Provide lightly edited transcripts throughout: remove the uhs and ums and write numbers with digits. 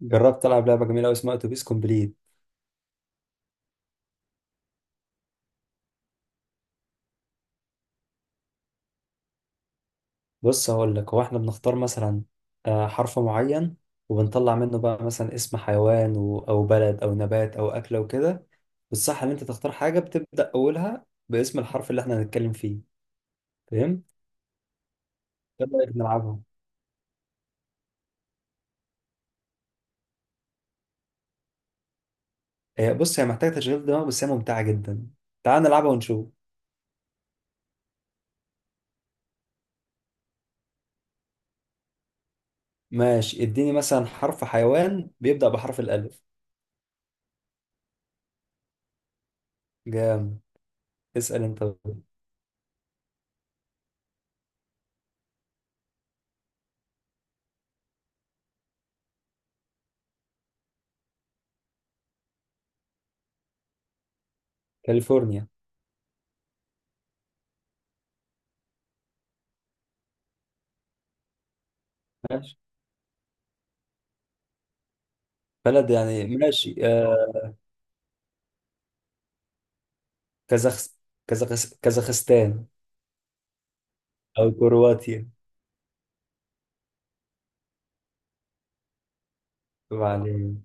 جربت ألعب لعبة جميلة أوي اسمها أتوبيس كومبليت. بص هقول لك هو إحنا بنختار مثلا حرف معين. وبنطلع منه بقى مثلا اسم حيوان أو بلد أو نبات أو أكلة وكده. والصح إن أنت تختار حاجة بتبدأ أولها باسم الحرف اللي إحنا هنتكلم فيه. فهمت؟ إيه رأيك نلعبها؟ آه، بص هي محتاجة تشغيل دماغ بس هي ممتعة جدا. تعال نلعبها ونشوف. ماشي، اديني مثلا حرف حيوان بيبدأ بحرف الألف. جام. اسأل أنت. كاليفورنيا. ماشي، بلد يعني، ماشي، كازاخ كازاخستان. أو كرواتيا. وبعدين،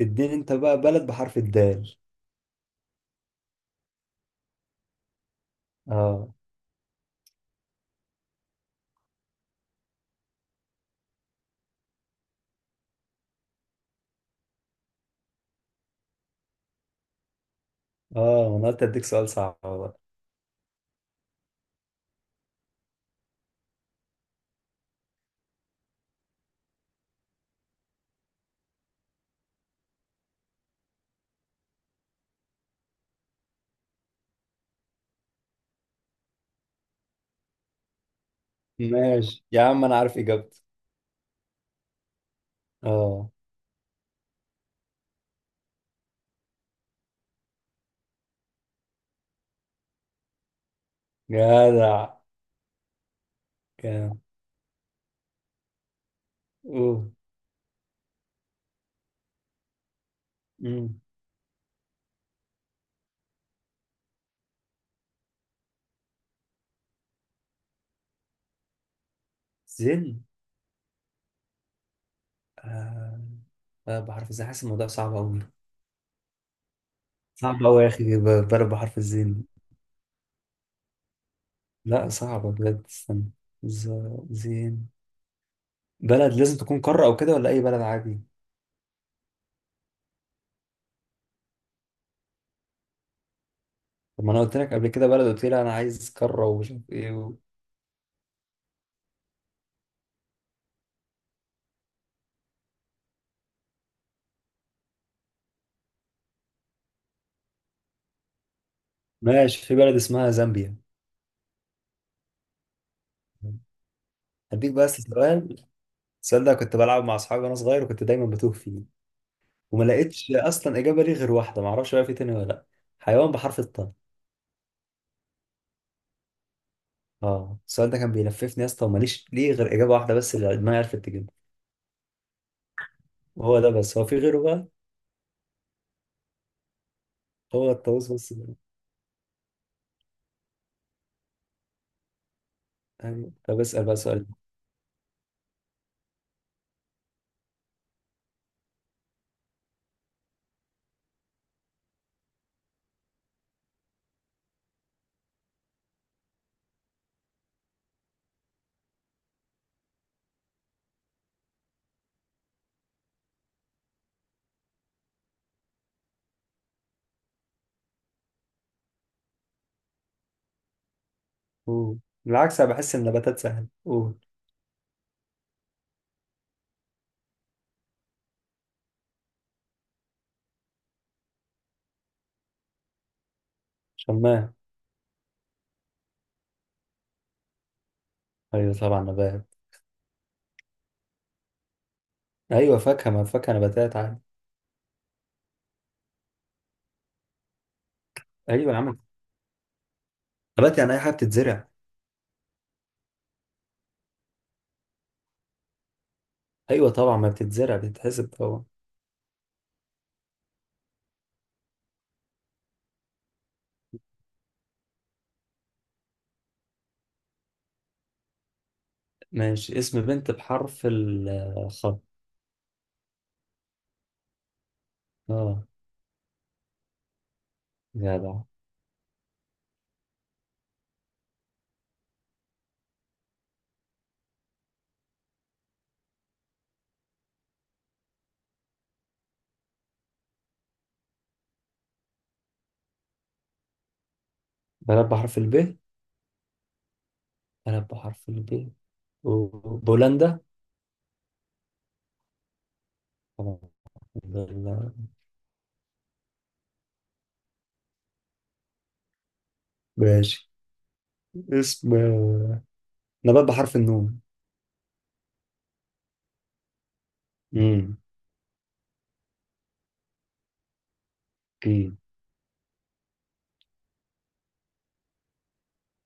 اديني أنت بقى بلد بحرف الدال. اه. اه، أنا قلت أديك سؤال صعب بقى. ماشي يا عم أنا عارف إجابته. اه. جدع. جدع. أوه. مم. زين. آه. بلد بحرف الزين، حاسس الموضوع صعب أوي. صعب أوي يا أخي، بلد بحرف الزين. لا صعبة بجد، استنى. ز... زين. بلد لازم تكون قارة أو كده ولا أي بلد عادي؟ طب ما انا قلت لك قبل كده بلد، قلت لي انا عايز قاره ومش عارف ايه. ماشي، في بلد اسمها زامبيا. هديك بس سؤال. السؤال ده كنت بلعب مع اصحابي وانا صغير وكنت دايما بتوه فيه. وما لقيتش اصلا اجابه ليه غير واحده، ما اعرفش بقى في تاني ولا لا. حيوان بحرف الطاء. اه، السؤال ده كان بيلففني يا اسطى وماليش ليه غير اجابه واحده بس اللي دماغي عرفت تجيبها. وهو ده بس، هو في غيره بقى؟ هو الطاووس بس. ايوه، طب اسال بقى سؤال. أوه. بالعكس انا بحس ان النباتات سهله، قول. شمام. ايوه طبعا نبات. ايوه، فاكهه، ما فاكهه نباتات عادي. ايوه يا عم. نبات يعني اي حاجه بتتزرع. ايوه طبعا، ما بتتزرع بتتحسب طبعا. ماشي، اسم بنت بحرف الخاء. اه. جدع. بلد بحرف الب؟ بلد بحرف الب، بولندا. طبعا. بل- ماشي. اسم نبات بحرف النون. امم اوكي.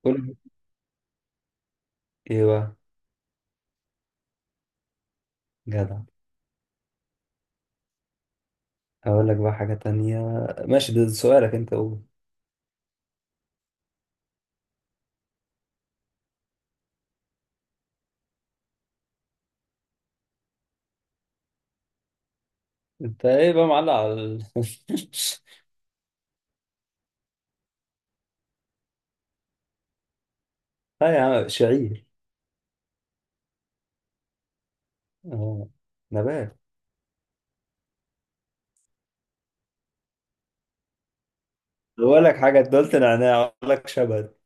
قول. ايوه. جدع. هقول لك بقى حاجه تانية. ماشي ده سؤالك انت، قول. انت ايه بقى معلق. اه يا عم، شعير. اه. نبات. بقول لك حاجة، أنت قلت نعناع، أقول لك شبت.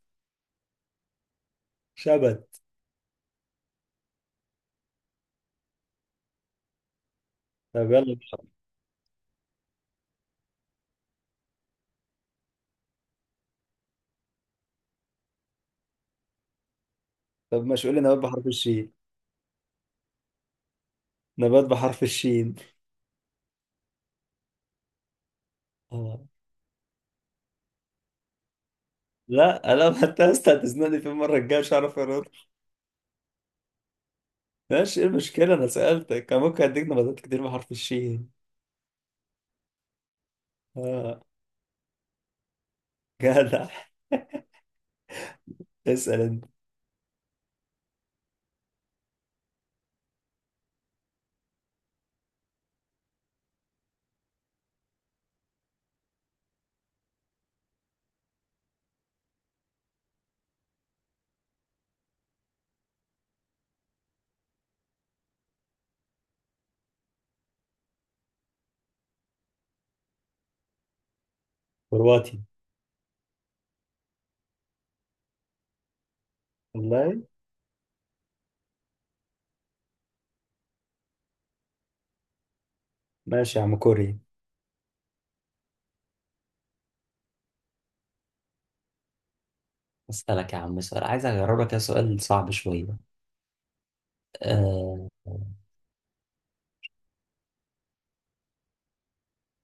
شبت. طب يلا. طب مش قول لي نبات بحرف الشين؟ نبات بحرف الشين. آه. لا أنا حتى يا أسطى هتزنقني في المرة الجاية مش هعرف أرد. ماشي، إيه المشكلة، أنا سألتك كان ممكن أديك نباتات كتير بحرف الشين. آه. جدع. اسأل أنت. كرواتي. والله. ماشي يا عم، كوري. اسالك يا عم سؤال، عايز اجرب لك سؤال صعب شويه. آه.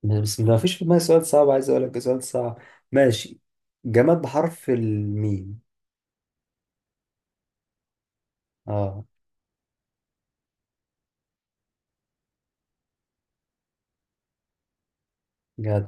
بس ما فيش في دماغي سؤال صعب، عايز اقول لك سؤال صعب. ماشي. جماد بحرف الميم. اه. جدع.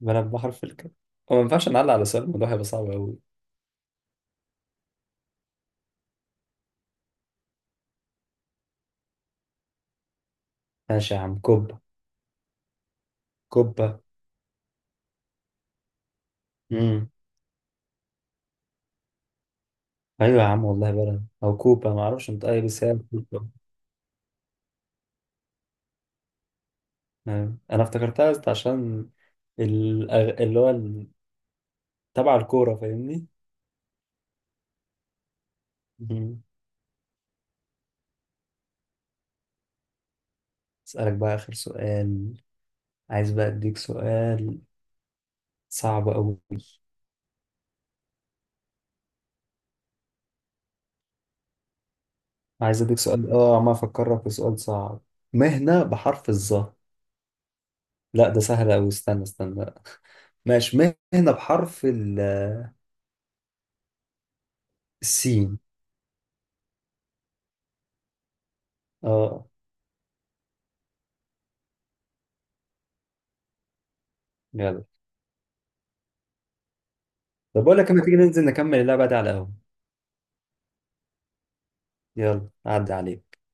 بلد بحرف الك. هو ما ينفعش نعلق على سؤال، الموضوع هيبقى صعب قوي. ماشي يا عم، كوبا. كوبا. امم ايوه يا عم والله بلد او كوبا، ما اعرفش انت اي، بس هي كوبا. أيوة. انا افتكرتها بس عشان الأغ... اللي هو ال- تبع الكورة فاهمني. مم. اسألك بقى آخر سؤال. عايز بقى أديك سؤال صعب أوي. عايز اديك سؤال، عمال افكرك في سؤال صعب. مهنة بحرف الظا. لا ده سهل اوي، استنى استنى. ماشي، مهنة بحرف. السين. اه. يلا. طب بقول لك لما تيجي ننزل نكمل اللعبة دي على القهوة. يلا، عدي عليك.